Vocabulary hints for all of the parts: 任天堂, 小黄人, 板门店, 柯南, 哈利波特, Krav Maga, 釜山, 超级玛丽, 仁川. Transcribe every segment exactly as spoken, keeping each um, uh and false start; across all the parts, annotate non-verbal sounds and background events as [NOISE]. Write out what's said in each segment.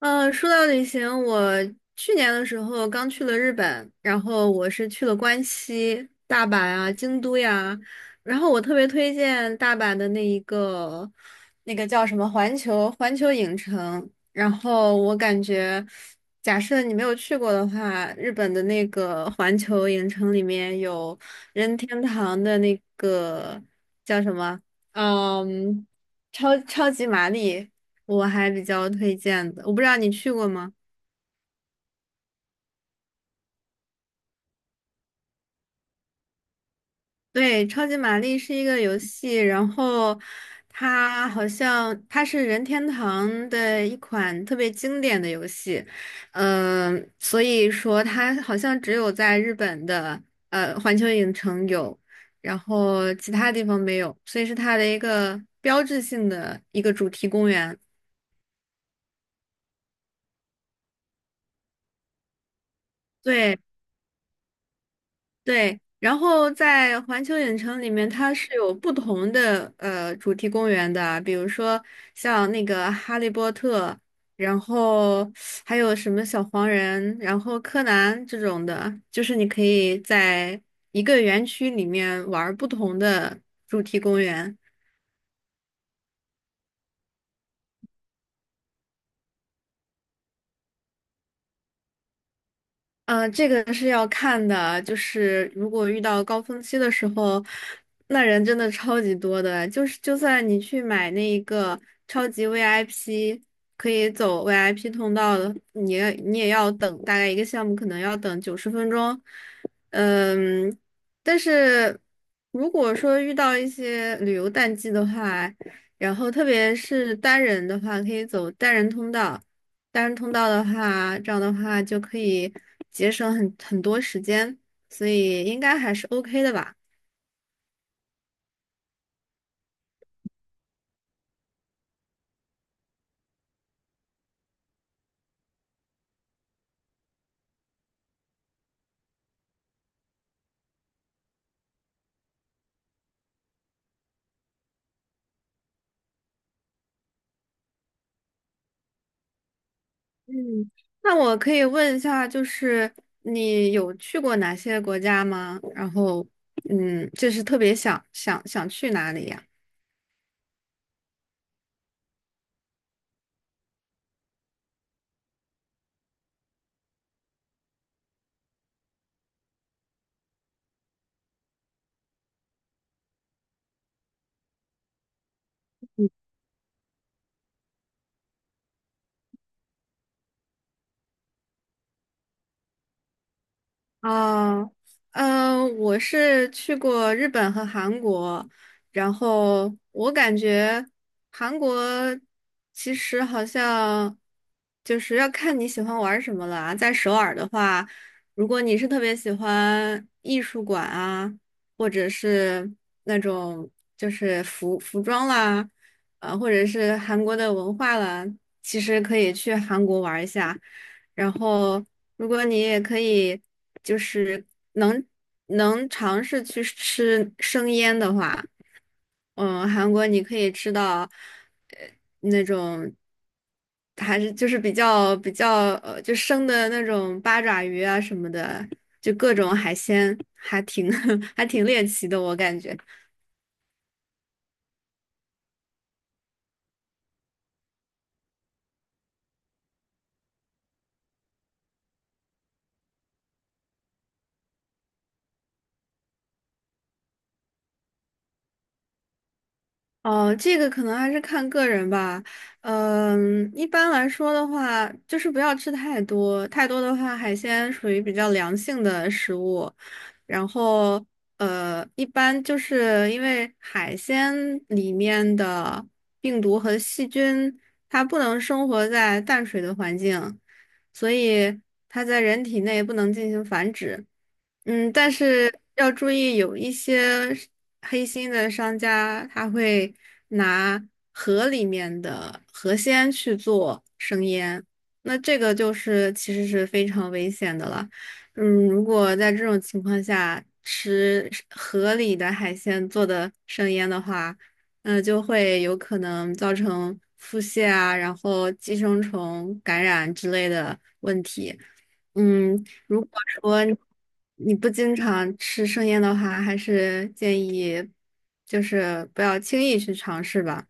嗯，说到旅行，我去年的时候刚去了日本，然后我是去了关西、大阪啊、京都呀，然后我特别推荐大阪的那一个，那个叫什么环球环球影城，然后我感觉，假设你没有去过的话，日本的那个环球影城里面有任天堂的那个叫什么，嗯，超超级玛丽。我还比较推荐的，我不知道你去过吗？对，超级玛丽是一个游戏，然后它好像它是任天堂的一款特别经典的游戏，嗯、所以说它好像只有在日本的呃环球影城有，然后其他地方没有，所以是它的一个标志性的一个主题公园。对，对，然后在环球影城里面，它是有不同的呃主题公园的，比如说像那个《哈利波特》，然后还有什么小黄人，然后柯南这种的，就是你可以在一个园区里面玩儿不同的主题公园。啊，这个是要看的，就是如果遇到高峰期的时候，那人真的超级多的。就是就算你去买那一个超级 V I P，可以走 V I P 通道的，你也你也要等大概一个项目可能要等九十分钟。嗯，但是如果说遇到一些旅游淡季的话，然后特别是单人的话，可以走单人通道。单人通道的话，这样的话就可以节省很很多时间，所以应该还是 OK 的吧。嗯，那我可以问一下，就是你有去过哪些国家吗？然后，嗯，就是特别想想想去哪里呀？啊，嗯，我是去过日本和韩国，然后我感觉韩国其实好像就是要看你喜欢玩什么了啊。在首尔的话，如果你是特别喜欢艺术馆啊，或者是那种就是服服装啦，啊，或者是韩国的文化啦，其实可以去韩国玩一下。然后，如果你也可以，就是能能尝试去吃生腌的话，嗯，韩国你可以吃到，呃，那种还是就是比较比较呃，就生的那种八爪鱼啊什么的，就各种海鲜，还挺 [LAUGHS] 还挺猎奇的，我感觉。哦，这个可能还是看个人吧。嗯，一般来说的话，就是不要吃太多，太多的话，海鲜属于比较凉性的食物。然后，呃，一般就是因为海鲜里面的病毒和细菌，它不能生活在淡水的环境，所以它在人体内不能进行繁殖。嗯，但是要注意，有一些是黑心的商家，他会拿河里面的河鲜去做生腌，那这个就是其实是非常危险的了。嗯，如果在这种情况下吃河里的海鲜做的生腌的话，嗯，就会有可能造成腹泻啊，然后寄生虫感染之类的问题。嗯，如果说你你不经常吃生腌的话，还是建议就是不要轻易去尝试吧。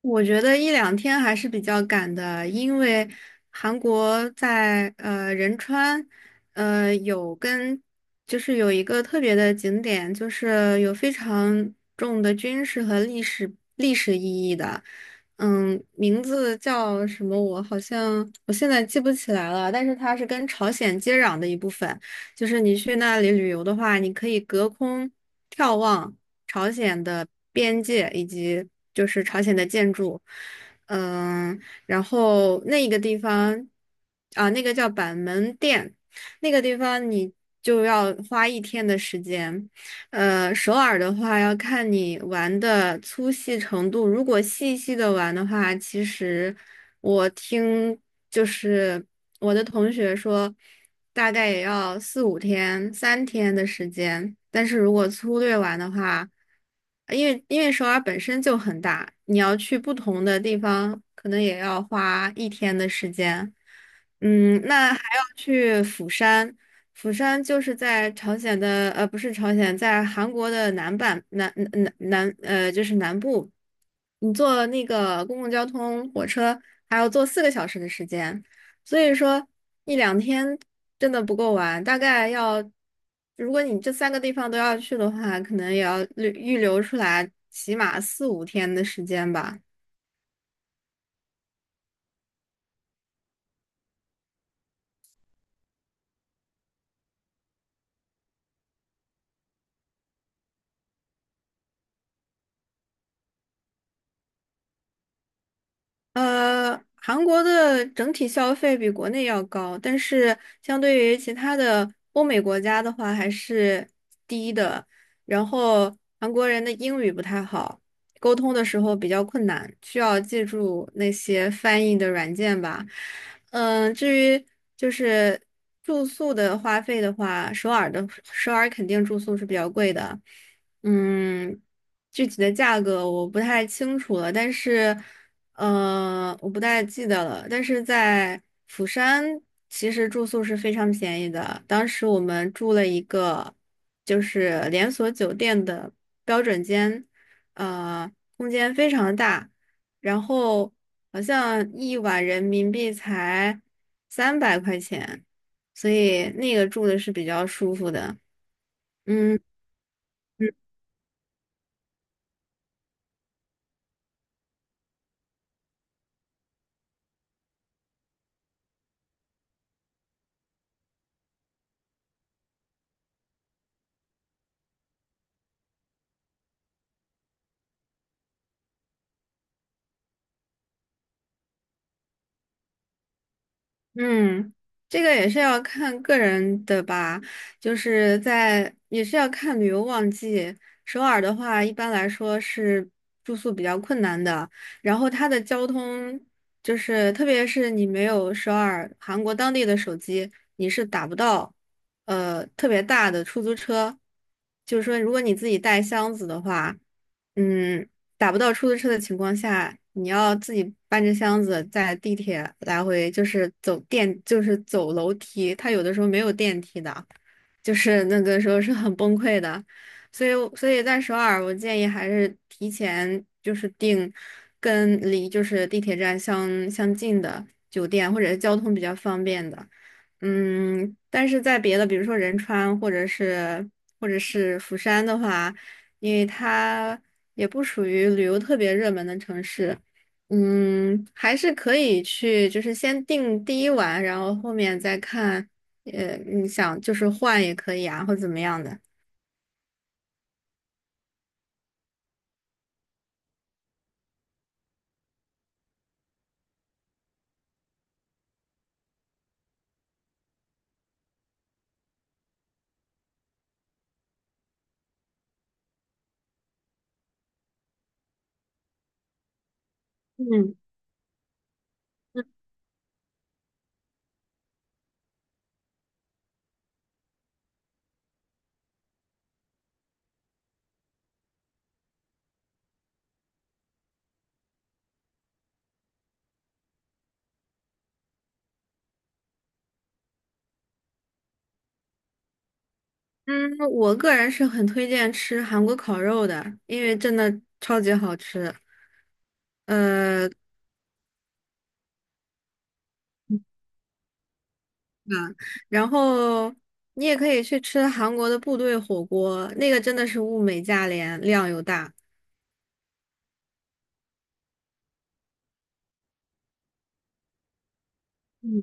我觉得一两天还是比较赶的，因为韩国在呃仁川，呃有跟就是有一个特别的景点，就是有非常重的军事和历史历史意义的，嗯，名字叫什么我好像我现在记不起来了，但是它是跟朝鲜接壤的一部分。就是你去那里旅游的话，你可以隔空眺望朝鲜的边界以及就是朝鲜的建筑，嗯，然后那一个地方啊，那个叫板门店，那个地方你就要花一天的时间，呃，首尔的话要看你玩的粗细程度。如果细细的玩的话，其实我听就是我的同学说，大概也要四五天、三天的时间。但是如果粗略玩的话，因为因为首尔本身就很大，你要去不同的地方，可能也要花一天的时间。嗯，那还要去釜山。釜山就是在朝鲜的，呃，不是朝鲜，在韩国的南半南南南，呃，就是南部。你坐那个公共交通火车，还要坐四个小时的时间，所以说一两天真的不够玩，大概要，如果你这三个地方都要去的话，可能也要预预留出来起码四五天的时间吧。呃，韩国的整体消费比国内要高，但是相对于其他的欧美国家的话还是低的。然后韩国人的英语不太好，沟通的时候比较困难，需要借助那些翻译的软件吧。嗯，至于就是住宿的花费的话，首尔的首尔肯定住宿是比较贵的。嗯，具体的价格我不太清楚了，但是。呃，我不太记得了，但是在釜山，其实住宿是非常便宜的。当时我们住了一个就是连锁酒店的标准间，呃，空间非常大，然后好像一晚人民币才三百块钱，所以那个住的是比较舒服的。嗯。嗯，这个也是要看个人的吧，就是在也是要看旅游旺季。首尔的话，一般来说是住宿比较困难的，然后它的交通就是，特别是你没有首尔韩国当地的手机，你是打不到呃特别大的出租车。就是说，如果你自己带箱子的话，嗯。打不到出租车的情况下，你要自己搬着箱子在地铁来回，就是走电，就是走楼梯。他有的时候没有电梯的，就是那个时候是很崩溃的。所以，所以，在首尔，我建议还是提前就是订跟离就是地铁站相相近的酒店，或者是交通比较方便的。嗯，但是在别的，比如说仁川或者是或者是釜山的话。因为它也不属于旅游特别热门的城市，嗯，还是可以去，就是先定第一晚，然后后面再看，呃，你想就是换也可以啊，或怎么样的。嗯嗯，我个人是很推荐吃韩国烤肉的，因为真的超级好吃。呃，啊，然后你也可以去吃韩国的部队火锅，那个真的是物美价廉，量又大。嗯。